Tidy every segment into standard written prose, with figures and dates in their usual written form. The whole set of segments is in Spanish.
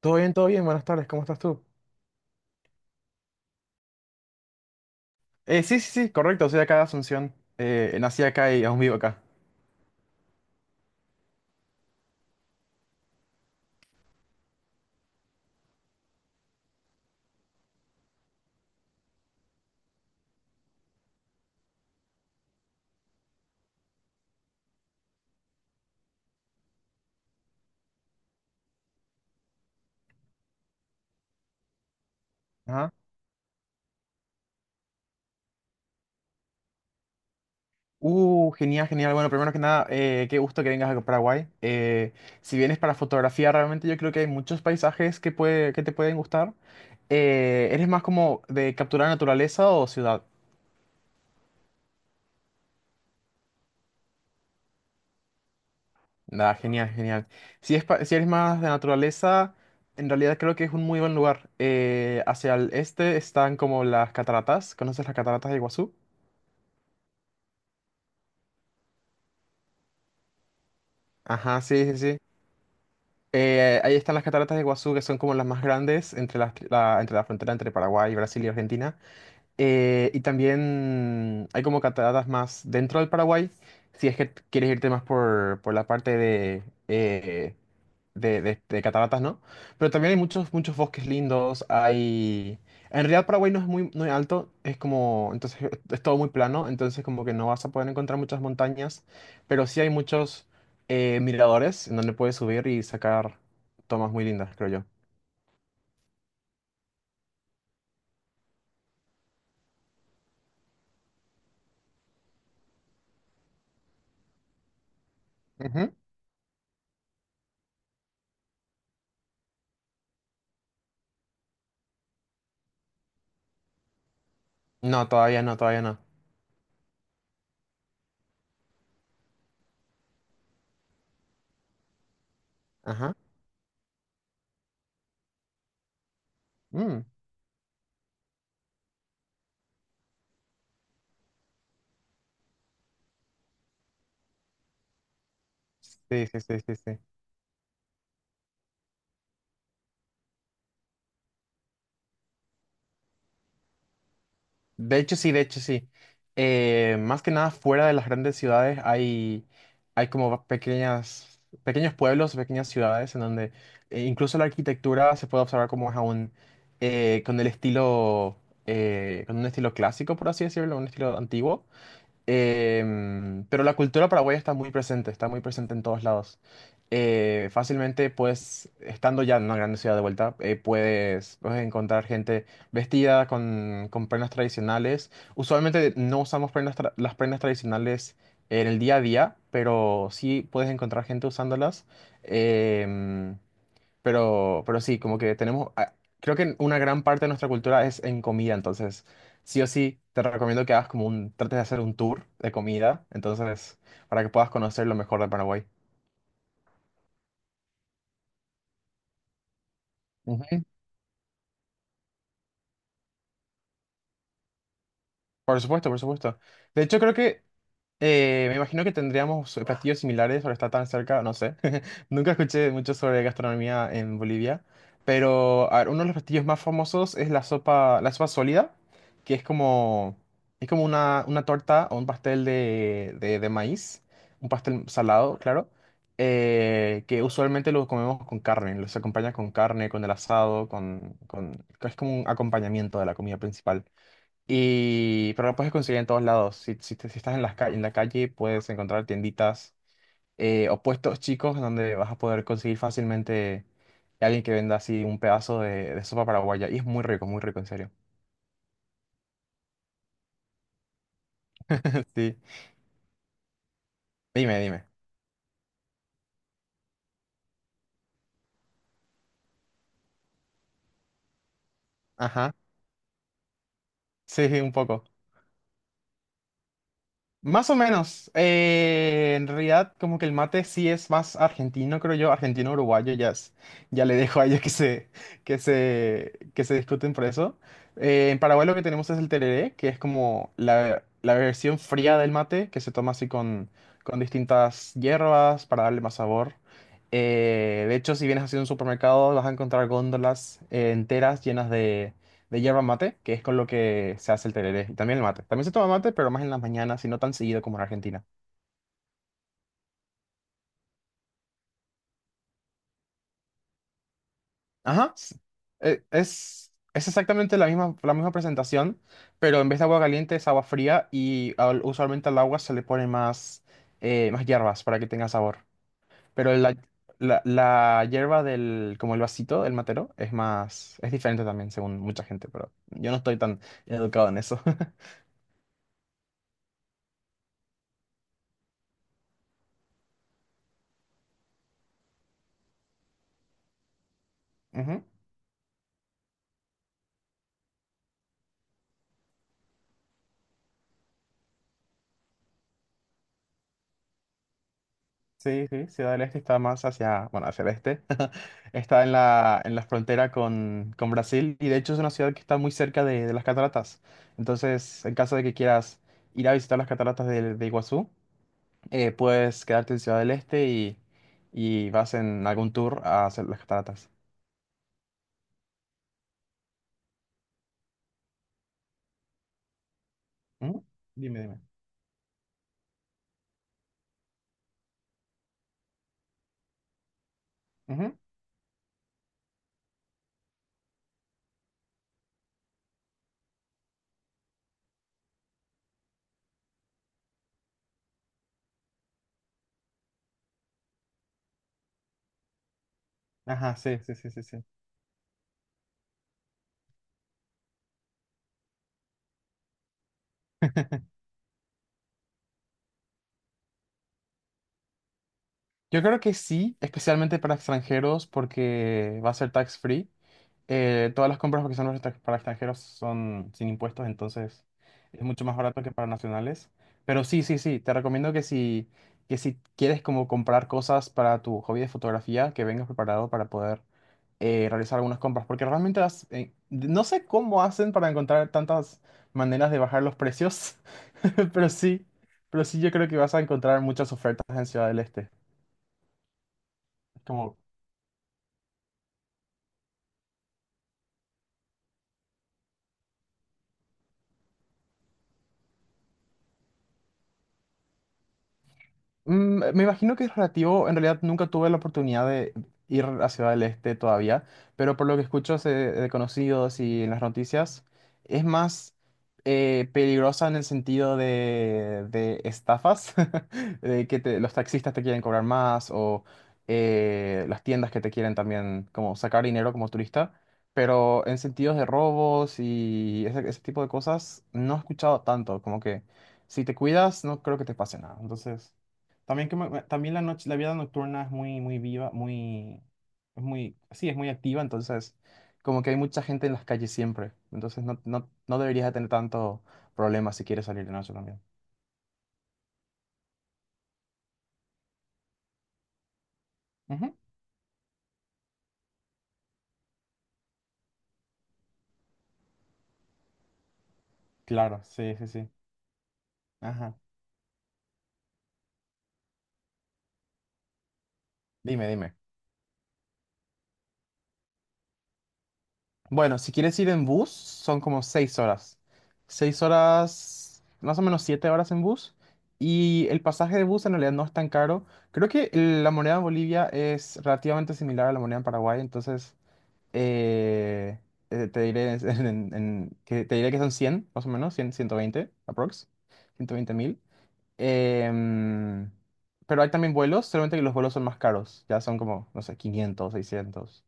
Todo bien, buenas tardes, ¿cómo estás tú? Sí, sí, sí, correcto, soy de acá de Asunción. Nací acá y aún vivo acá. Ajá. Genial, genial. Bueno, primero que nada, qué gusto que vengas a Paraguay. Si vienes para fotografía, realmente yo creo que hay muchos paisajes que, puede, que te pueden gustar. ¿Eres más como de capturar naturaleza o ciudad? Nada, genial, genial. Si, si eres más de naturaleza, en realidad creo que es un muy buen lugar. Hacia el este están como las cataratas. ¿Conoces las cataratas de Iguazú? Ajá, sí, sí, sí. Ahí están las cataratas de Iguazú, que son como las más grandes entre la, entre la frontera entre Paraguay, Brasil y Argentina. Y también hay como cataratas más dentro del Paraguay, si es que quieres irte más por la parte eh, de, de cataratas, ¿no? Pero también hay muchos, muchos bosques lindos, hay... En realidad Paraguay no es muy, muy alto, es como... Entonces es todo muy plano, entonces como que no vas a poder encontrar muchas montañas, pero sí hay muchos miradores en donde puedes subir y sacar tomas muy lindas, creo yo. Ujú. No, todavía no, todavía no. Ajá. Mm. Sí, sí, sí, sí, sí. De hecho, sí, de hecho, sí. Más que nada, fuera de las grandes ciudades hay como pequeños pueblos, pequeñas ciudades en donde incluso la arquitectura se puede observar como es aún con el estilo, con un estilo clásico, por así decirlo, un estilo antiguo. Pero la cultura paraguaya está muy presente en todos lados. Fácilmente, pues, estando ya en una gran ciudad de vuelta, puedes encontrar gente vestida con prendas tradicionales. Usualmente no usamos las prendas tradicionales en el día a día, pero sí puedes encontrar gente usándolas. Em, pero, sí, como que tenemos, creo que una gran parte de nuestra cultura es en comida, entonces sí o sí te recomiendo que hagas como trates de hacer un tour de comida, entonces para que puedas conocer lo mejor de Paraguay. Ujú. Por supuesto, por supuesto. De hecho, creo que me imagino que tendríamos platillos similares por estar tan cerca, no sé. Nunca escuché mucho sobre gastronomía en Bolivia, pero a ver, uno de los platillos más famosos es la sopa sólida, que es como una torta o un pastel de, de maíz, un pastel salado, claro, que usualmente lo comemos con carne, los acompaña con carne, con el asado, con, es como un acompañamiento de la comida principal. Y, pero lo puedes conseguir en todos lados. Si, si, si estás en las en la calle, puedes encontrar tienditas o puestos chicos donde vas a poder conseguir fácilmente alguien que venda así un pedazo de sopa paraguaya. Y es muy rico, en serio. Sí. Dime, dime. Ajá. Sí, sí, un poco. Más o menos. En realidad, como que el mate sí es más argentino, creo yo, argentino-uruguayo, ya, ya le dejo a ellos que se, que se discuten por eso. En Paraguay lo que tenemos es el tereré, que es como la versión fría del mate, que se toma así con distintas hierbas para darle más sabor. De hecho, si vienes así a un supermercado, vas a encontrar góndolas enteras llenas de yerba mate, que es con lo que se hace el tereré. Y también el mate. También se toma mate, pero más en las mañanas y no tan seguido como en Argentina. Ajá. Es exactamente la misma presentación, pero en vez de agua caliente es agua fría y usualmente al agua se le pone más, más hierbas para que tenga sabor. Pero la, la hierba del, como el vasito, el matero, es más, es diferente también según mucha gente, pero yo no estoy tan educado en eso. Ujú. Sí, sí, Ciudad del Este está más hacia, bueno, hacia el este. Está en la frontera con Brasil y de hecho es una ciudad que está muy cerca de las cataratas. Entonces, en caso de que quieras ir a visitar las cataratas de Iguazú, puedes quedarte en Ciudad del Este y vas en algún tour a hacer las cataratas. ¿Mm? Dime, dime. Ujú. Ajá, sí, sí, sí, sí, sí. Yo creo que sí, especialmente para extranjeros porque va a ser tax free. Todas las compras que son para para extranjeros son sin impuestos, entonces es mucho más barato que para nacionales. Pero sí, sí, sí, te recomiendo que si quieres como comprar cosas para tu hobby de fotografía, que vengas preparado para poder realizar algunas compras, porque realmente no sé cómo hacen para encontrar tantas maneras de bajar los precios, pero sí, pero sí yo creo que vas a encontrar muchas ofertas en Ciudad del Este. Es como me imagino que es relativo, en realidad nunca tuve la oportunidad de ir a Ciudad del Este todavía, pero por lo que escucho de conocidos y en las noticias, es más peligrosa en el sentido de estafas, de que los taxistas te quieren cobrar más o las tiendas que te quieren también como sacar dinero como turista, pero en sentidos de robos y ese tipo de cosas no he escuchado tanto, como que si te cuidas no creo que te pase nada, entonces... También, que también la noche, la vida nocturna es muy, muy viva, muy, es muy, sí, es muy activa, entonces como que hay mucha gente en las calles siempre, entonces no, no, no deberías de tener tanto problema si quieres salir de noche también. Ujú. Claro, sí, sí, sí. Ajá. Dime, dime. Bueno, si quieres ir en bus, son como 6 horas. Seis horas, más o menos 7 horas en bus. Y el pasaje de bus en realidad no es tan caro. Creo que la moneda en Bolivia es relativamente similar a la moneda en Paraguay, entonces Eh, te diré, te diré que son 100 más o menos, cien 120 aprox, 120.000. Em, pero hay también vuelos, solamente que los vuelos son más caros, ya son como, no sé, 500 seiscientos.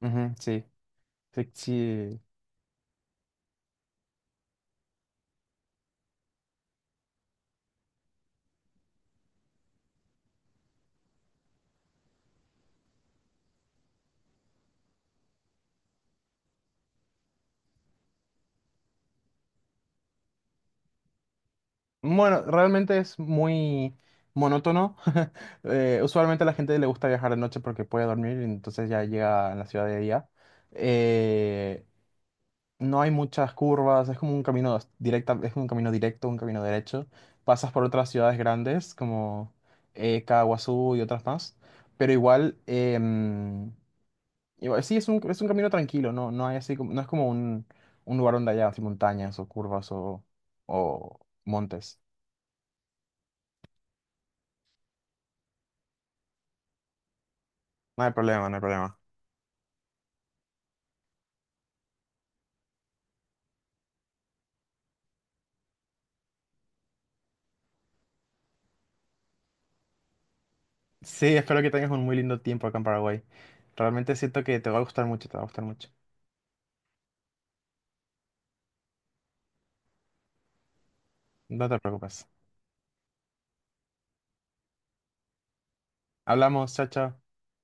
Ujú, sí, sí, sí. Bueno, realmente es muy monótono. Usualmente a la gente le gusta viajar de noche porque puede dormir, entonces ya llega a la ciudad de día. Eh, no hay muchas curvas, es como un camino directa, es un camino directo, un camino derecho. Pasas por otras ciudades grandes como Kawasu y otras más, pero igual, igual sí, es un camino tranquilo, no, no hay así como, no es como un lugar donde haya así montañas o curvas o montes. No hay problema, no hay problema. Sí, espero que tengas un muy lindo tiempo acá en Paraguay. Realmente siento que te va a gustar mucho, te va a gustar mucho. No te preocupes. Hablamos, chao, chao.